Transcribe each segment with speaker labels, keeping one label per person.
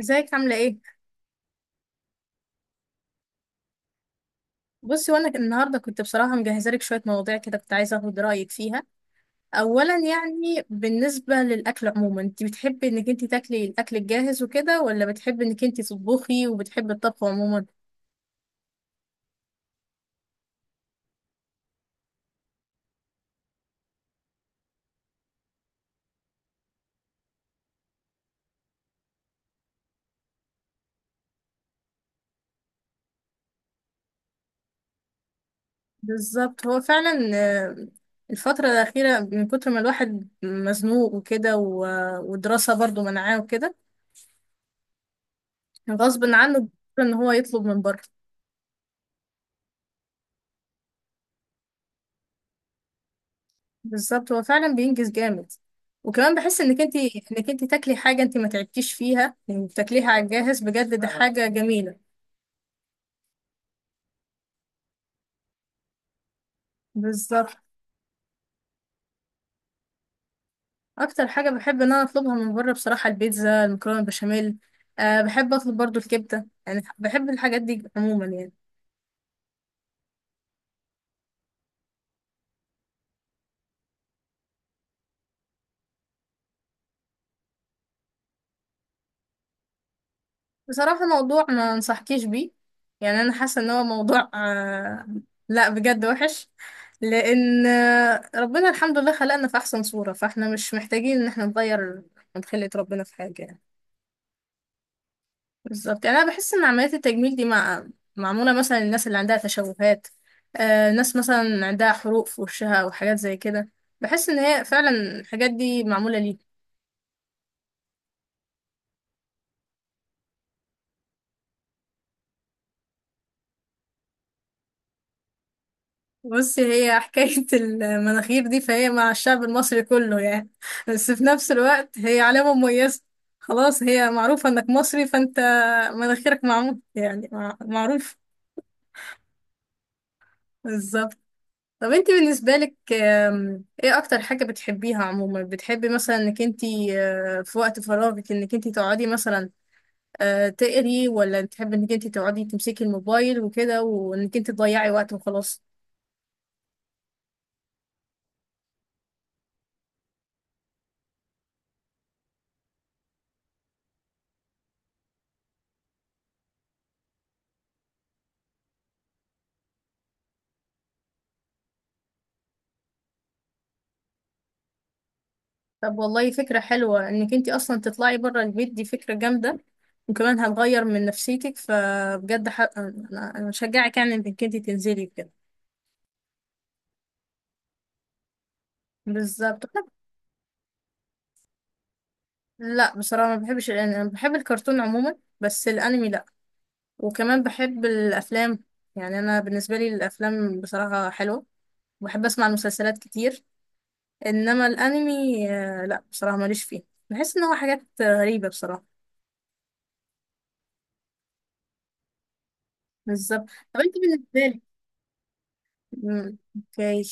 Speaker 1: ازيك عاملة ايه؟ بصي، وانا النهاردة كنت بصراحة مجهزة لك شوية مواضيع كده، كنت عايزة اخد رأيك فيها. اولا يعني بالنسبة للأكل عموما، انت بتحبي انك انت تاكلي الأكل الجاهز وكده، ولا بتحبي انك انت تطبخي وبتحبي الطبخ عموما؟ بالظبط، هو فعلا آه، الفترة الأخيرة من كتر ما الواحد مزنوق وكده ودراسة برضو منعاه وكده، غصب عنه ان هو يطلب من بره. بالظبط، هو فعلا بينجز جامد. وكمان بحس انك انت تاكلي حاجه انت ما تعبتيش فيها، يعني بتاكليها على الجاهز، بجد ده حاجه جميله. بالظبط. اكتر حاجه بحب ان انا اطلبها من بره بصراحه: البيتزا، المكرونه، البشاميل. بحب اطلب برضو الكبده، يعني بحب الحاجات دي عموما يعني. بصراحه موضوع ما انصحكيش بيه. يعني انا حاسه ان هو موضوع لا بجد وحش. لان ربنا الحمد لله خلقنا في احسن صوره، فاحنا مش محتاجين ان احنا نغير من خلقة ربنا في حاجه يعني. بالظبط. يعني انا بحس ان عمليات التجميل دي معموله مثلا للناس اللي عندها تشوهات. ناس مثلا عندها حروق في وشها او حاجات زي كده. بحس ان هي فعلا الحاجات دي معموله ليه. بص، هي حكايه المناخير دي فهي مع الشعب المصري كله يعني. بس في نفس الوقت هي علامه مميزه. خلاص، هي معروفه انك مصري، فانت مناخيرك معمول يعني معروف. بالظبط. طب انت بالنسبة لك، ايه اكتر حاجة بتحبيها عموما؟ بتحبي مثلا انك انت في وقت فراغك انك انت تقعدي مثلا تقري، ولا تحبي انك انت تقعدي تمسكي الموبايل وكده وانك انت تضيعي وقت وخلاص؟ طب والله فكرة حلوة، انك انت اصلا تطلعي بره البيت دي فكرة جامدة. وكمان هتغير من نفسيتك، فبجد انا بشجعك يعني انك انت تنزلي كده. بالظبط. لا بصراحة ما بحبش الانمي، انا بحب الكرتون عموما، بس الانمي لا. وكمان بحب الافلام. يعني انا بالنسبه لي الافلام بصراحه حلوه، وبحب اسمع المسلسلات كتير. انما الانمي لا بصراحه ماليش فيه. بحس ان هو حاجات غريبه بصراحه. بالظبط. طب انت بالنسبه لك، مم، اوكي،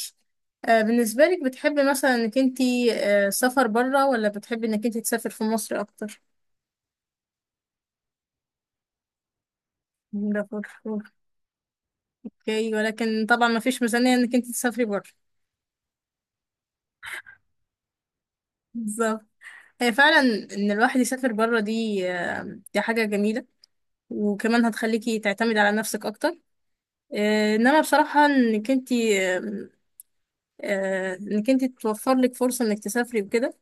Speaker 1: بالنسبه لك بتحبي مثلا انك انت سفر بره، ولا بتحبي انك انت تسافر في مصر اكتر؟ ده فر- اوكي، ولكن طبعا ما فيش ميزانيه انك انت تسافري بره. بالظبط، هي فعلا ان الواحد يسافر بره دي دي حاجه جميله. وكمان هتخليكي تعتمدي على نفسك اكتر. انما بصراحة انك انتي انك انتي توفر لك فرصة انك تسافري وكده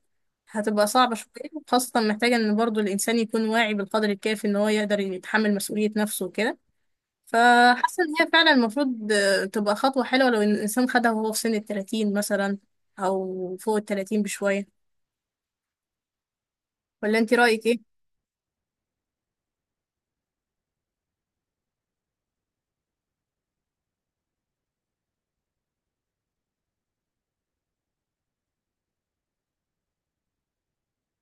Speaker 1: هتبقى صعبة شوية. خاصة محتاجة ان برضو الانسان يكون واعي بالقدر الكافي ان هو يقدر يتحمل مسؤولية نفسه وكده. فحاسة ان هي فعلا المفروض تبقى خطوة حلوة لو ان الانسان خدها وهو في سن التلاتين مثلا، او فوق التلاتين بشوية. ولا انتي رأيك ايه؟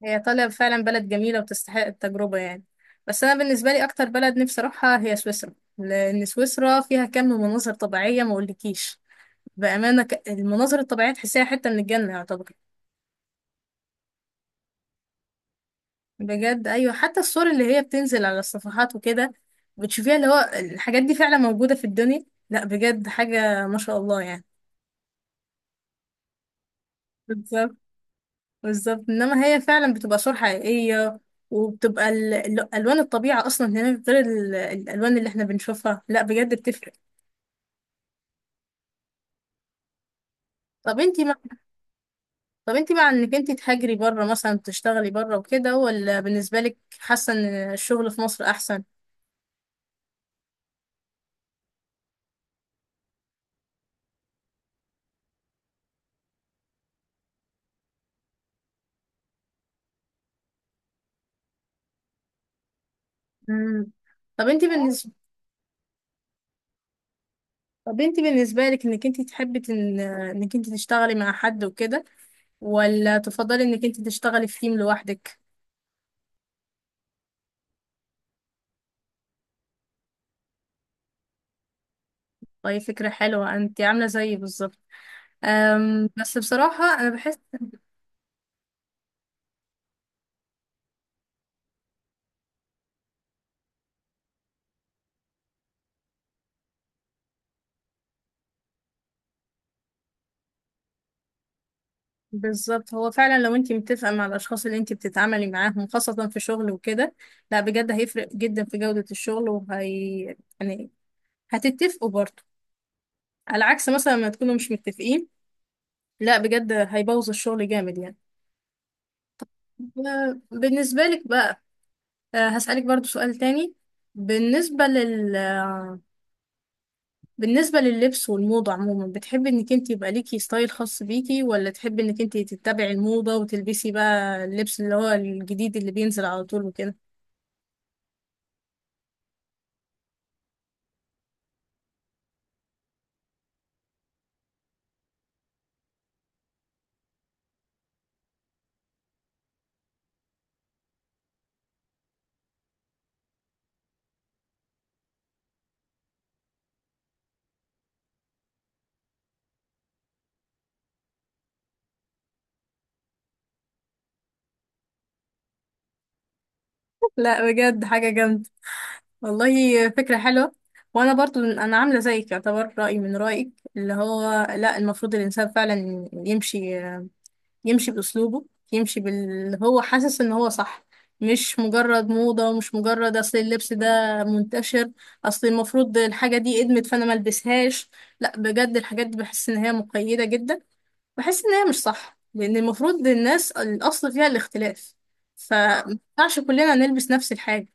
Speaker 1: هي ايطاليا فعلا بلد جميله وتستحق التجربه يعني. بس انا بالنسبه لي اكتر بلد نفسي اروحها هي سويسرا، لان سويسرا فيها كم مناظر طبيعيه ما اقولكيش. بامانه المناظر الطبيعيه تحسيها حته من الجنه يعتبر. بجد ايوه، حتى الصور اللي هي بتنزل على الصفحات وكده بتشوفيها، اللي هو الحاجات دي فعلا موجوده في الدنيا، لا بجد حاجه ما شاء الله يعني. بالظبط. بالظبط، انما هي فعلا بتبقى صور حقيقيه. وبتبقى الوان الطبيعه اصلا هناك غير الالوان اللي احنا بنشوفها، لا بجد بتفرق. طب انتي مع... طب انتي مع انك انتي تهاجري بره مثلا تشتغلي بره وكده، ولا بالنسبه لك حاسه ان الشغل في مصر احسن؟ مم. طب انتي بالنسبه طب انتي بالنسبه لك انك انتي تحبي انك انتي تشتغلي مع حد وكده، ولا تفضلي انك انتي تشتغلي في تيم لوحدك؟ طيب فكره حلوه، انتي عامله زيي بالظبط. بس بصراحه انا بحس. بالظبط، هو فعلا لو انتي متفقه مع الاشخاص اللي انتي بتتعاملي معاهم، خاصه في شغل وكده، لا بجد هيفرق جدا في جوده الشغل. وهي يعني هتتفقوا برضه، على عكس مثلا ما تكونوا مش متفقين، لا بجد هيبوظ الشغل جامد يعني. بالنسبة لك بقى، هسألك برضه سؤال تاني. بالنسبة لل آه، بالنسبة لللبس والموضة عموما، بتحبي انك انت يبقى ليكي ستايل خاص بيكي، ولا تحبي انك انت تتبعي الموضة وتلبسي بقى اللبس اللي هو الجديد اللي بينزل على طول وكده؟ لا بجد حاجة جامدة. والله فكرة حلوة. وانا برضو انا عاملة زيك يعتبر، رأيي من رأيك، اللي هو لا، المفروض الانسان فعلا يمشي، يمشي باسلوبه، يمشي باللي هو حاسس ان هو صح. مش مجرد موضة، ومش مجرد اصل اللبس ده منتشر، اصل المفروض الحاجة دي ادمت فانا ملبسهاش. لا بجد الحاجات دي بحس ان هي مقيدة جدا. بحس ان هي مش صح، لان المفروض الناس الاصل فيها الاختلاف. اه، فمينفعش كلنا نلبس نفس الحاجة.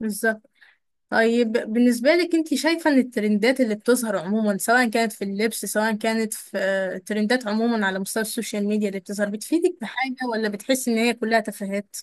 Speaker 1: بالظبط. طيب بالنسبة لك، انت شايفة ان الترندات اللي بتظهر عموما، سواء كانت في اللبس سواء كانت في ترندات عموما على مستوى السوشيال ميديا اللي بتظهر، بتفيدك بحاجة ولا بتحسي ان هي كلها تفاهات؟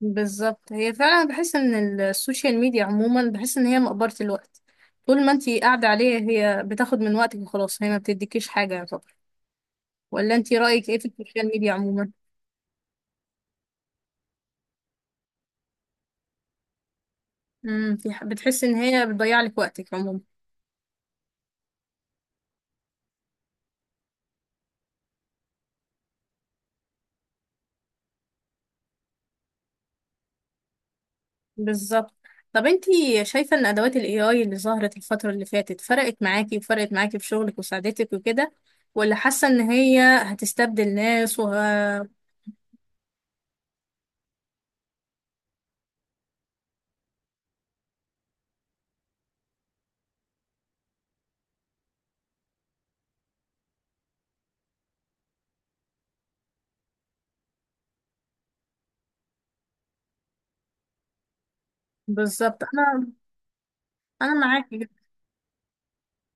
Speaker 1: بالظبط، هي فعلا بحس ان السوشيال ميديا عموما بحس ان هي مقبرة الوقت. طول ما انت قاعدة عليها هي بتاخد من وقتك وخلاص، هي ما بتديكيش حاجة يعتبر. ولا انت رأيك ايه في السوشيال ميديا عموما؟ امم، بتحسي ان هي بتضيع لك وقتك عموما. بالظبط. طب انتي شايفة ان ادوات الاي اي اللي ظهرت الفترة اللي فاتت فرقت معاكي، وفرقت معاكي في شغلك وساعدتك وكده، ولا حاسة ان هي هتستبدل ناس بالظبط. انا معاكي جدا.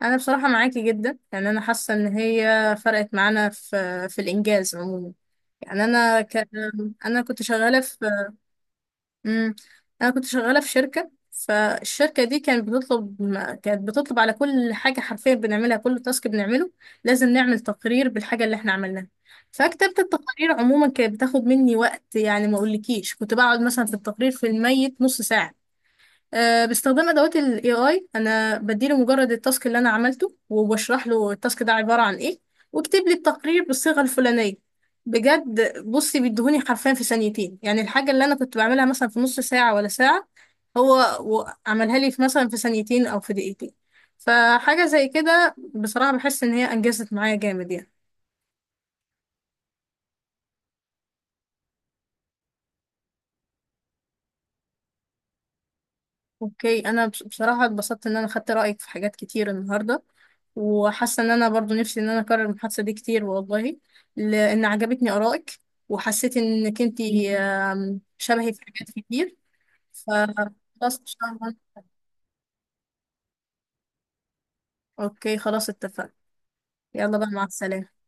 Speaker 1: انا بصراحة معاكي جدا. يعني انا حاسة ان هي فرقت معانا في الانجاز عموما. يعني انا انا كنت شغالة. امم، انا كنت شغاله في شركه، فالشركه دي كانت بتطلب كانت بتطلب على كل حاجه حرفيا بنعملها. كل تاسك بنعمله لازم نعمل تقرير بالحاجه اللي احنا عملناها. فكتابه التقارير عموما كانت بتاخد مني وقت، يعني ما اقولكيش كنت بقعد مثلا في التقرير في الـ100 نص ساعه. باستخدام ادوات الاي اي انا بديله مجرد التاسك اللي انا عملته، وبشرح له التاسك ده عباره عن ايه، واكتب لي التقرير بالصيغه الفلانيه. بجد بصي بيديهوني حرفيا في ثانيتين. يعني الحاجه اللي انا كنت بعملها مثلا في نص ساعه ولا ساعه، هو عملها لي في مثلا في ثانيتين او في دقيقتين. فحاجه زي كده بصراحه بحس ان هي انجزت معايا جامد يعني. اوكي، انا بصراحة اتبسطت ان انا خدت رأيك في حاجات كتير النهاردة. وحاسة ان انا برضو نفسي ان انا اكرر المحادثة دي كتير والله، لان عجبتني آرائك، وحسيت انك انتي شبهي في حاجات كتير. فخلاص ان شاء الله. اوكي خلاص اتفقنا. يلا بقى مع السلامة.